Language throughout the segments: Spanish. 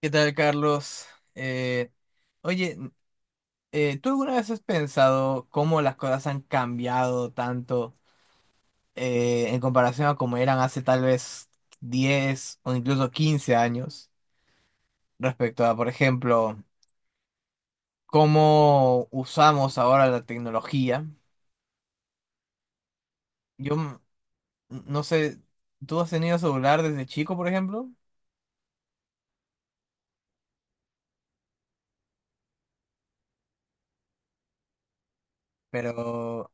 ¿Qué tal, Carlos? Eh, oye, ¿tú alguna vez has pensado cómo las cosas han cambiado tanto en comparación a cómo eran hace tal vez 10 o incluso 15 años respecto a, por ejemplo, cómo usamos ahora la tecnología? Yo m- no sé, ¿tú has tenido celular desde chico, por ejemplo? Pero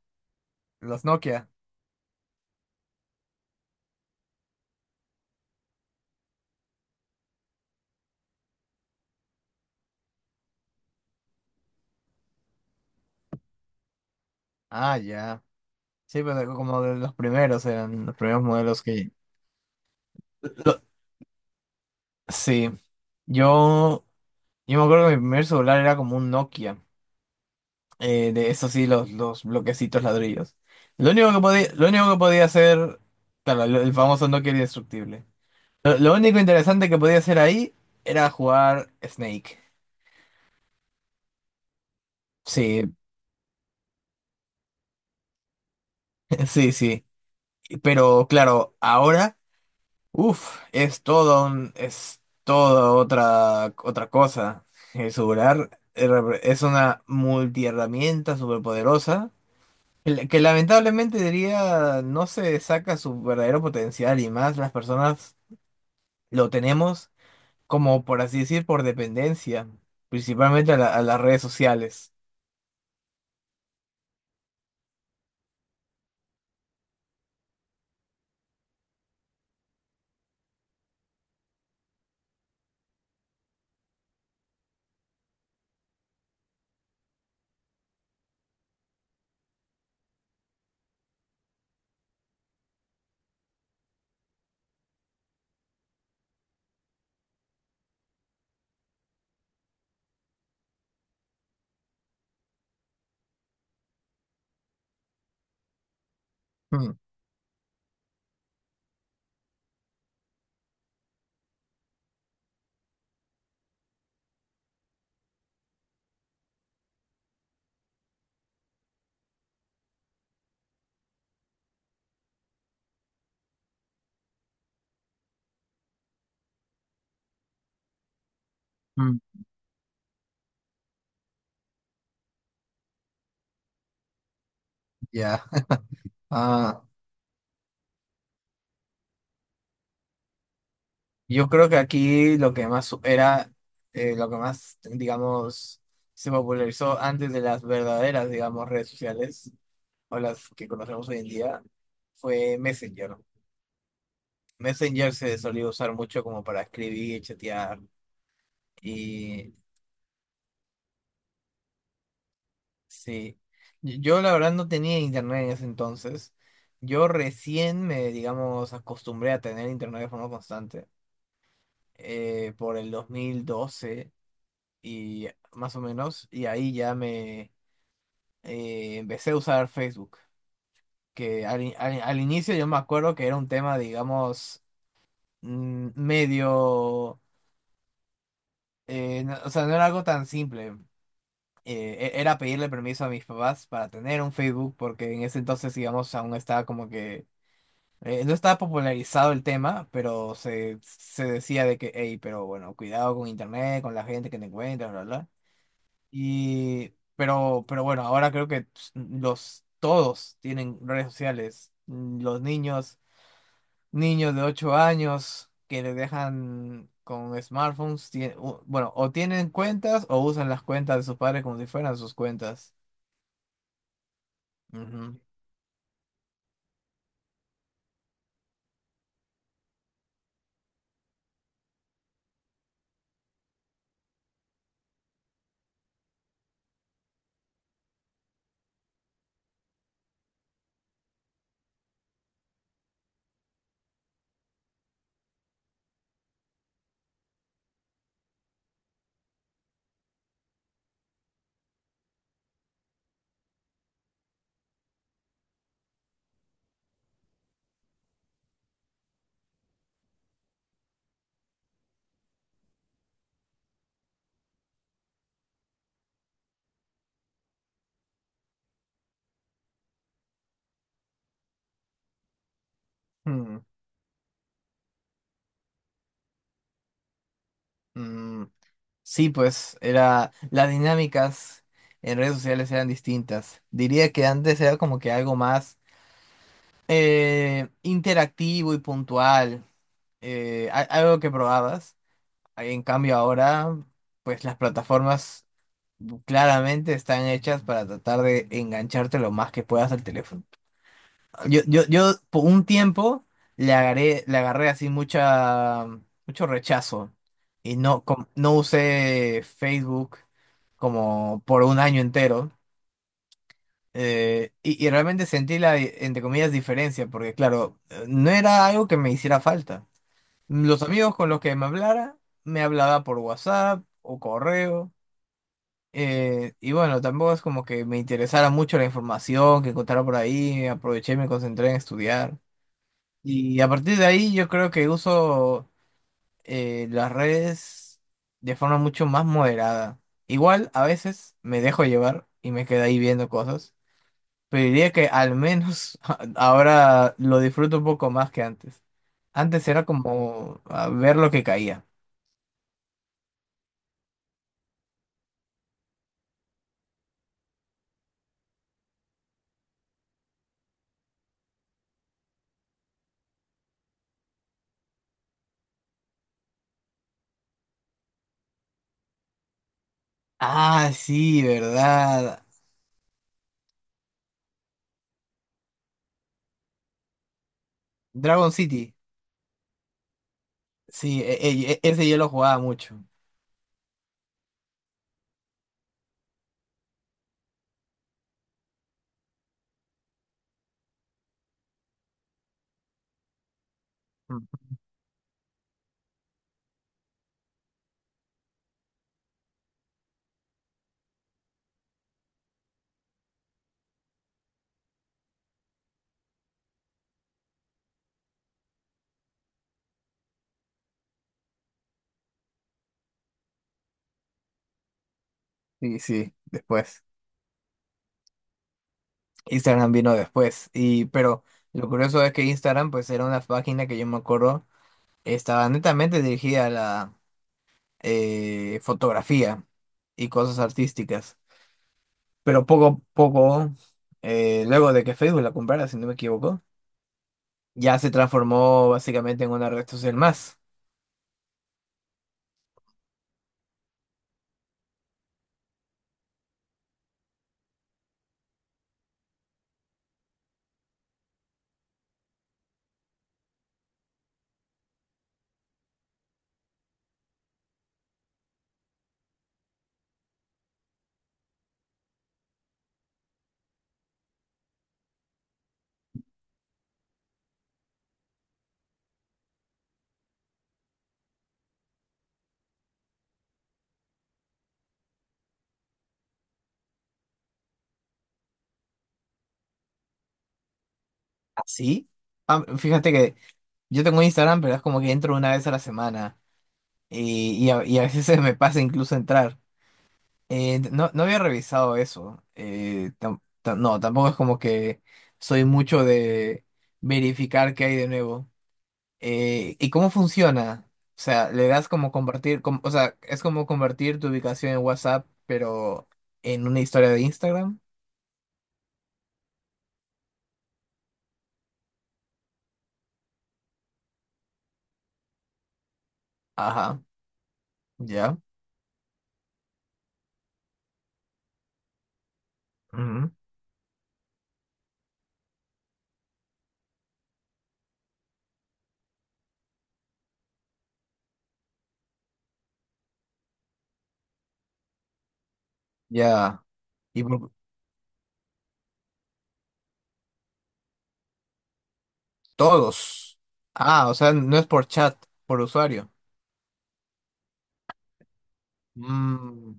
los Nokia. Ah, ya. Sí, pero como de los primeros eran los primeros modelos que. Sí, yo, yo me acuerdo que mi primer celular era como un Nokia, de eso sí, los bloquecitos ladrillos. Lo único que podía hacer, claro, el famoso Nokia era indestructible. Lo único interesante que podía hacer ahí era jugar Snake. Sí, sí, sí. Pero claro, ahora, uff, es toda otra cosa. El celular es una multiherramienta superpoderosa, que lamentablemente diría no se saca su verdadero potencial y más las personas lo tenemos como por así decir por dependencia, principalmente a, a las redes sociales. Mm, mm, ya. Ah, yo creo que aquí lo que más, digamos, se popularizó antes de las verdaderas, digamos, redes sociales o las que conocemos hoy en día fue Messenger. Messenger se solía usar mucho como para escribir, chatear. Sí, yo la verdad no tenía internet en ese entonces. Yo recién me, digamos, acostumbré a tener internet de forma constante por el 2012 y más o menos, y ahí ya me empecé a usar Facebook, que al inicio yo me acuerdo que era un tema, digamos, medio, o sea, no era algo tan simple. Era pedirle permiso a mis papás para tener un Facebook, porque en ese entonces, digamos, aún estaba como que. No estaba popularizado el tema, pero se decía de que, hey, pero bueno, cuidado con internet, con la gente que te encuentras, bla, bla. Pero bueno, ahora creo que todos tienen redes sociales. Los niños de 8 años que les dejan con smartphones, bueno, o tienen cuentas o usan las cuentas de sus padres como si fueran sus cuentas. Ujú. Mm, mm. Sí, pues era las dinámicas en redes sociales eran distintas. Diría que antes era como que algo más interactivo y puntual, algo que probabas. En cambio ahora, pues las plataformas claramente están hechas para tratar de engancharte lo más que puedas al teléfono. Yo por un tiempo le agarré así mucho rechazo y no usé Facebook como por un año entero. Y realmente sentí la, entre comillas, diferencia, porque claro, no era algo que me hiciera falta. Los amigos con los que me hablara, me hablaba por WhatsApp o correo. Y bueno, tampoco es como que me interesara mucho la información que encontrara por ahí, aproveché y me concentré en estudiar. Y a partir de ahí yo creo que uso las redes de forma mucho más moderada. Igual a veces me dejo llevar y me quedo ahí viendo cosas, pero diría que al menos ahora lo disfruto un poco más que antes. Antes era como a ver lo que caía. Ah, sí, verdad. Dragon City. Sí, ese yo lo jugaba mucho. Mm. Sí, sí, después. Instagram vino después. Pero lo curioso es que Instagram, pues, era una página que yo me acuerdo, estaba netamente dirigida a la fotografía y cosas artísticas. Pero poco a poco, luego de que Facebook la comprara, si no me equivoco, ya se transformó básicamente en una red social más. ¿Así? Ah, fíjate que yo tengo Instagram, pero es como que entro una vez a la semana. Y a veces se me pasa incluso entrar. No, no había revisado eso. No, tampoco es como que soy mucho de verificar qué hay de nuevo. ¿Y cómo funciona? O sea, le das como compartir, o sea, es como convertir tu ubicación en WhatsApp, pero en una historia de Instagram. Ajá, ya. Ujú, ya. Y por- Todos. Ah, o sea, no es por chat, por usuario. Mm,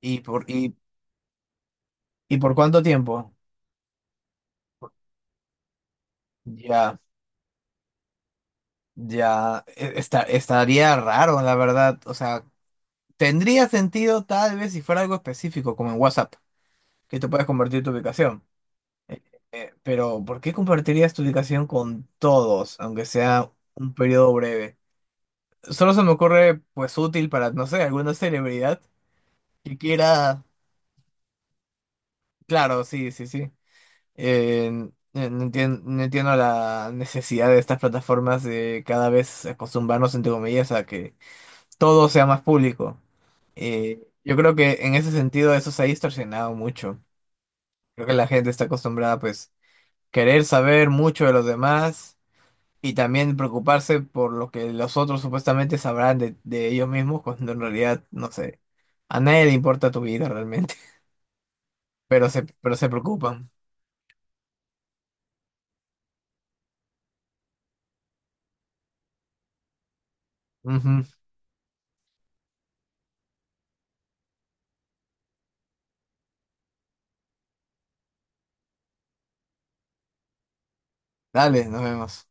¿Y por cuánto tiempo? Ya. Ya, estaría raro, la verdad. O sea, tendría sentido tal vez si fuera algo específico, como en WhatsApp, que tú puedes compartir tu ubicación. Eh, Pero, ¿por qué compartirías tu ubicación con todos, aunque sea un periodo breve? Solo se me ocurre, pues, útil para, no sé, alguna celebridad que quiera. Claro, sí, sí, sí. No entiendo la necesidad de estas plataformas de cada vez acostumbrarnos, entre comillas, a que todo sea más público. Yo creo que en ese sentido eso se ha distorsionado mucho. Creo que la gente está acostumbrada pues querer saber mucho de los demás y también preocuparse por lo que los otros supuestamente sabrán de ellos mismos cuando en realidad, no sé, a nadie le importa tu vida realmente, pero se preocupan. Ujú. Dale, nos vemos.